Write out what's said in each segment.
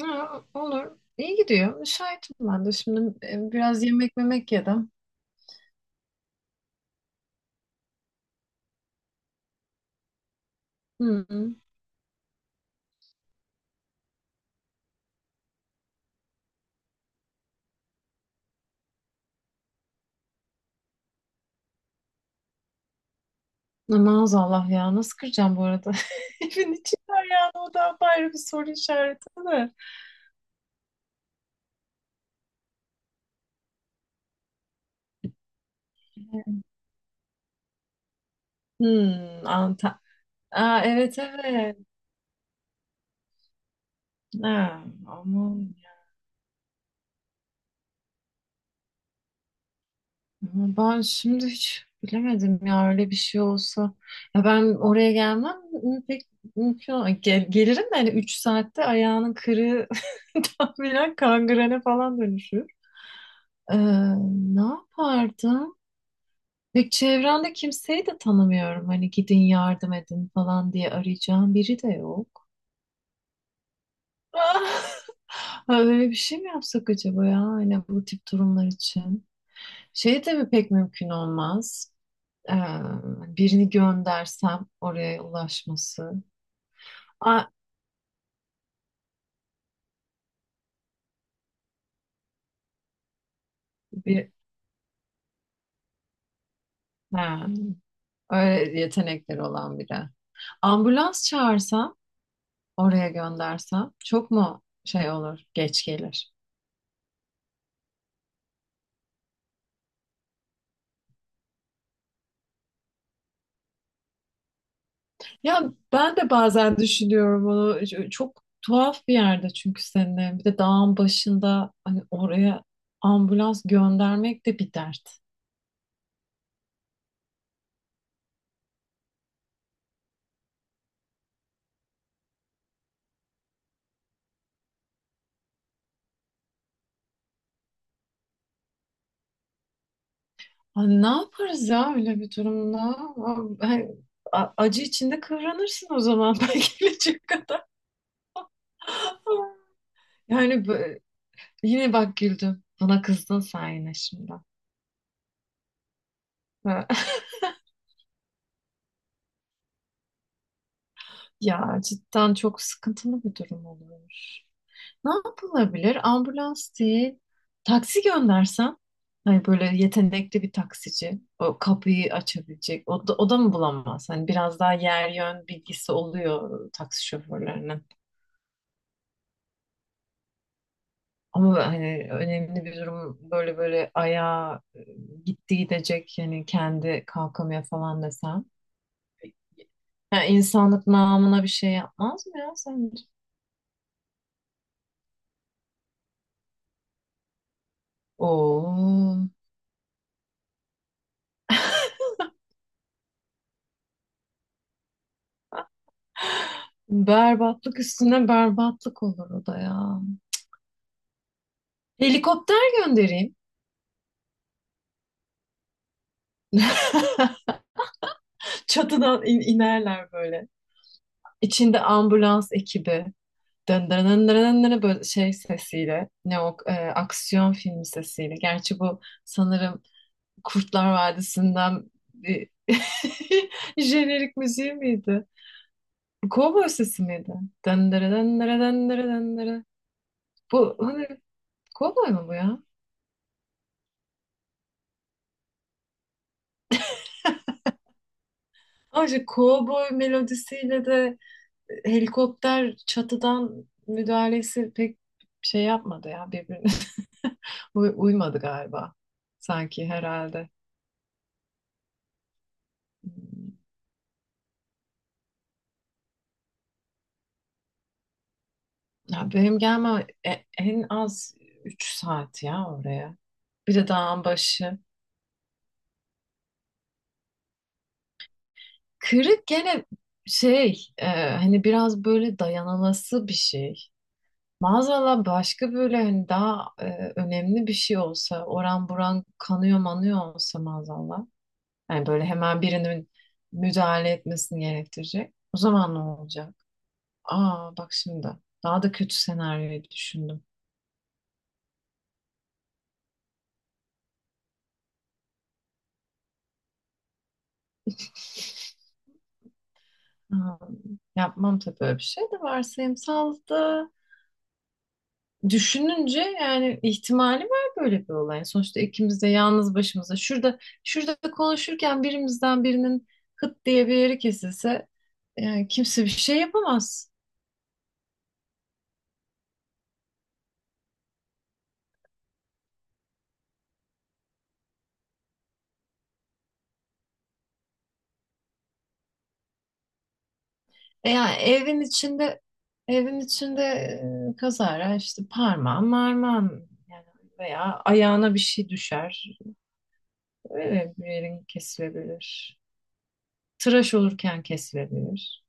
Ha, olur. İyi gidiyor. Müsaitim ben de. Şimdi biraz yemek memek yedim. Hı hı. Ne Maazallah ya. Nasıl kıracağım bu arada? Evin içi var yani. O da ayrı bir soru işareti de. Hmm, Antalya. Aa, evet evet. Ha, aman. Ya. Ama ben şimdi hiç bilemedim ya öyle bir şey olsa. Ya ben oraya gelmem pek Gel, gelirim de hani 3 saatte ayağının kırığı tahminen kangrene falan dönüşür. Ee, ne yapardım? Ve çevremde kimseyi de tanımıyorum. Hani gidin yardım edin falan diye arayacağım biri de yok. Ha, böyle bir şey mi yapsak acaba ya? Hani bu tip durumlar için. Şey tabii pek mümkün olmaz. Ee, birini göndersem oraya ulaşması. Aa, bir, ha, öyle yetenekleri olan biri. Ambulans çağırsam, oraya göndersem çok mu şey olur, geç gelir? Ya ben de bazen düşünüyorum onu. Çok tuhaf bir yerde çünkü senin. Bir de dağın başında hani oraya ambulans göndermek de bir dert. Hani ne yaparız ya öyle bir durumda? A- hani acı içinde kıvranırsın o zaman belki gelecek kadar. Yani bö- yine bak güldüm. Buna kızdın sen yine şimdi. Ya cidden çok sıkıntılı bir durum olur. Ne yapılabilir? Ambulans değil. Taksi göndersen. Hani böyle yetenekli bir taksici. O kapıyı açabilecek. O da mı bulamaz? Hani biraz daha yer yön bilgisi oluyor taksi şoförlerinin. Ama hani önemli bir durum böyle böyle ayağa gitti gidecek yani kendi kalkamıyor falan desem. Yani insanlık namına bir şey yapmaz mı ya sence? Oo. Berbatlık üstüne berbatlık olur o da ya. Helikopter göndereyim. Çatıdan inerler böyle. İçinde ambulans ekibi. Dın dın dın dın dın böyle şey sesiyle. Ne o aksiyon filmi sesiyle. Gerçi bu sanırım Kurtlar Vadisi'nden bir jenerik müziği miydi? Kovboy sesi miydi? Dın dırı dın dırı dın dırı dın dırı. Bu hani kovboy mu bu ya? Ayrıca kovboy melodisiyle de helikopter çatıdan müdahalesi pek şey yapmadı ya birbirine. Uymadı galiba sanki herhalde. Hmm, ya benim gelmem en az 3 saat ya oraya. Bir de dağın başı. Kırık gene şey hani biraz böyle dayanılası bir şey. Maazallah başka böyle hani daha önemli bir şey olsa oran buran kanıyor manıyor olsa maazallah. Yani böyle hemen birinin müdahale etmesini gerektirecek. O zaman ne olacak? Aa bak şimdi daha da kötü senaryoyu düşündüm. Aa, yapmam tabii öyle bir şey de, varsayımsal da düşününce yani ihtimali var böyle bir olay. Yani sonuçta ikimiz de yalnız başımıza şurada konuşurken birimizden birinin hıt diye bir yeri kesilse yani kimse bir şey yapamaz. Yani evin içinde kazara işte parmağın marmağın yani veya ayağına bir şey düşer. Öyle bir yerin kesilebilir. Tıraş olurken kesilebilir.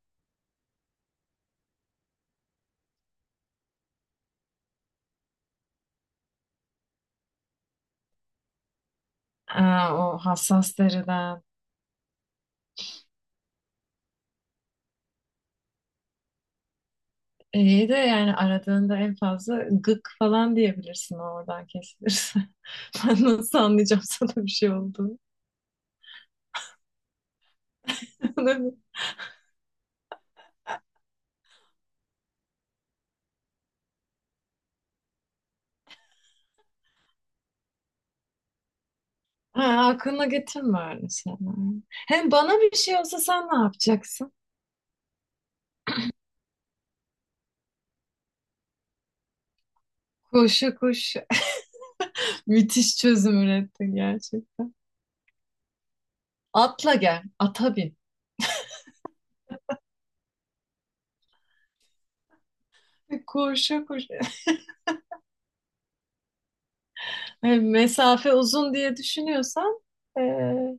Aa, o hassas deriden. İyi de yani aradığında en fazla gık falan diyebilirsin oradan kesilirse. Ben nasıl anlayacağım sana bir şey oldu? Ha, aklına getirme öyle şeyler. Hem bana bir şey olsa sen ne yapacaksın? Koşa koş. Müthiş çözüm ürettin gerçekten. Atla gel, ata bin. Koşa koşa. Yani mesafe uzun diye düşünüyorsan eee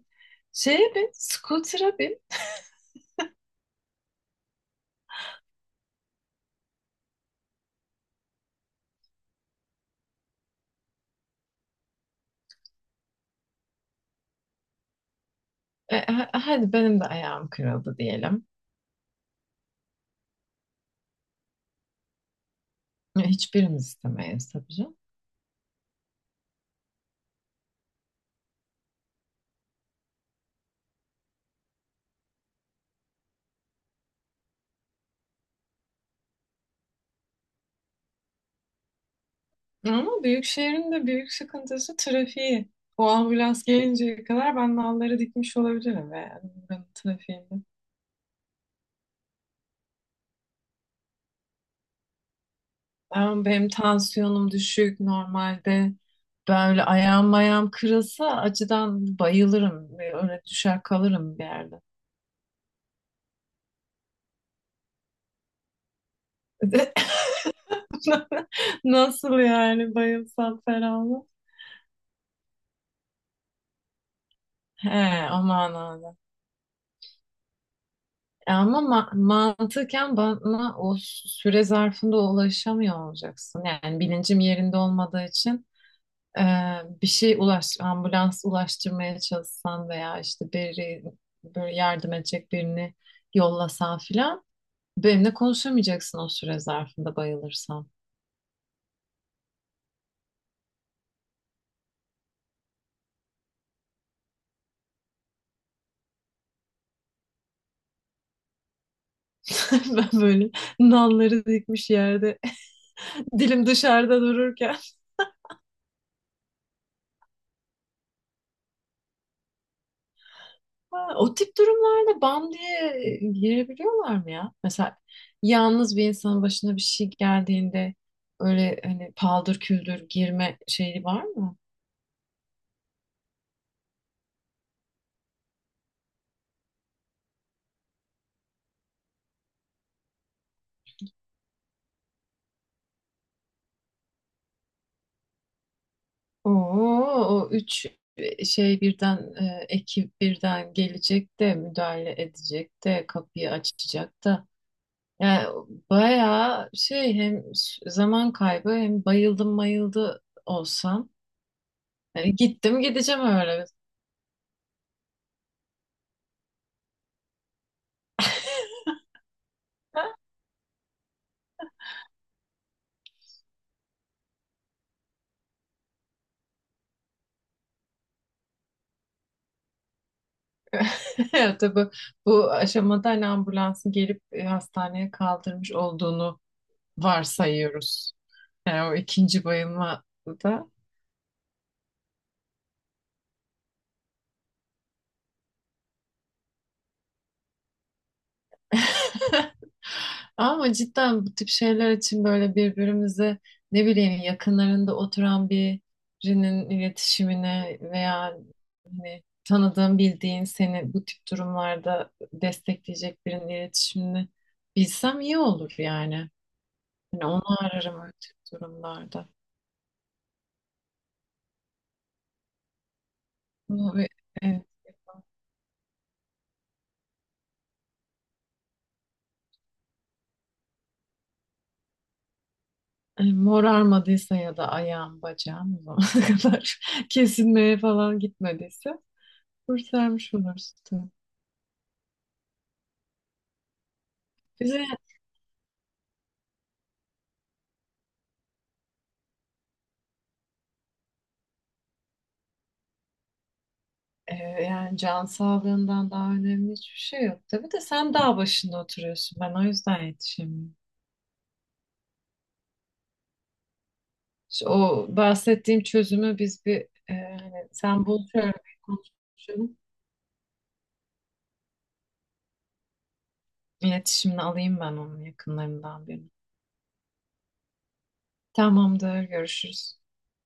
şeye bin, scooter'a bin. Hadi benim de ayağım kırıldı diyelim. E, hiçbirimiz istemeyiz tabii canım. Ama büyük şehrin de büyük sıkıntısı trafiği. O ambulans gelinceye kadar ben nalları dikmiş olabilirim ve yani buranın trafiğinde. Benim tansiyonum düşük normalde. Böyle ayağım mayağım kırılsa acıdan bayılırım. Öyle düşer kalırım bir yerde. Nasıl yani bayılsam ferahlı? He, o manada. E ama mantıken bana o süre zarfında ulaşamıyor olacaksın. Yani bilincim yerinde olmadığı için Ee, ambulans ulaştırmaya çalışsan veya işte biri böyle yardım edecek birini yollasan filan benimle konuşamayacaksın o süre zarfında bayılırsam. Ben böyle nalları dikmiş yerde dilim dışarıda dururken. Ha, o tip durumlarda bam diye girebiliyorlar mı ya? Mesela yalnız bir insanın başına bir şey geldiğinde öyle hani paldır küldür girme şeyi var mı? Oo, o üç şey birden ekip birden gelecek de müdahale edecek de kapıyı açacak da. Yani bayağı şey hem zaman kaybı hem bayıldım mayıldı olsam. Yani gittim gideceğim öyle. Ya tabii bu aşamada hani ambulansın gelip hastaneye kaldırmış olduğunu varsayıyoruz. Yani o ikinci bayılmada. Ama cidden bu tip şeyler için böyle birbirimizi ne bileyim yakınlarında oturan birinin iletişimine veya hani tanıdığın bildiğin seni bu tip durumlarda destekleyecek birinin iletişimini bilsem iyi olur yani. Hani onu ararım öyle tip durumlarda. Ama ve- e, Morarmadıysa ya da ayağım bacağım o zamana kadar kesilmeye falan gitmediyse kurtarmış olursun. Bize Ee, yani can sağlığından daha önemli hiçbir şey yok. Tabii de sen dağ başında oturuyorsun. Ben o yüzden yetişemiyorum. İşte o bahsettiğim çözümü biz bir e, hani sen bul şöyle bir konuşalım. İletişimini alayım ben onun yakınlarından birini. Tamamdır, görüşürüz.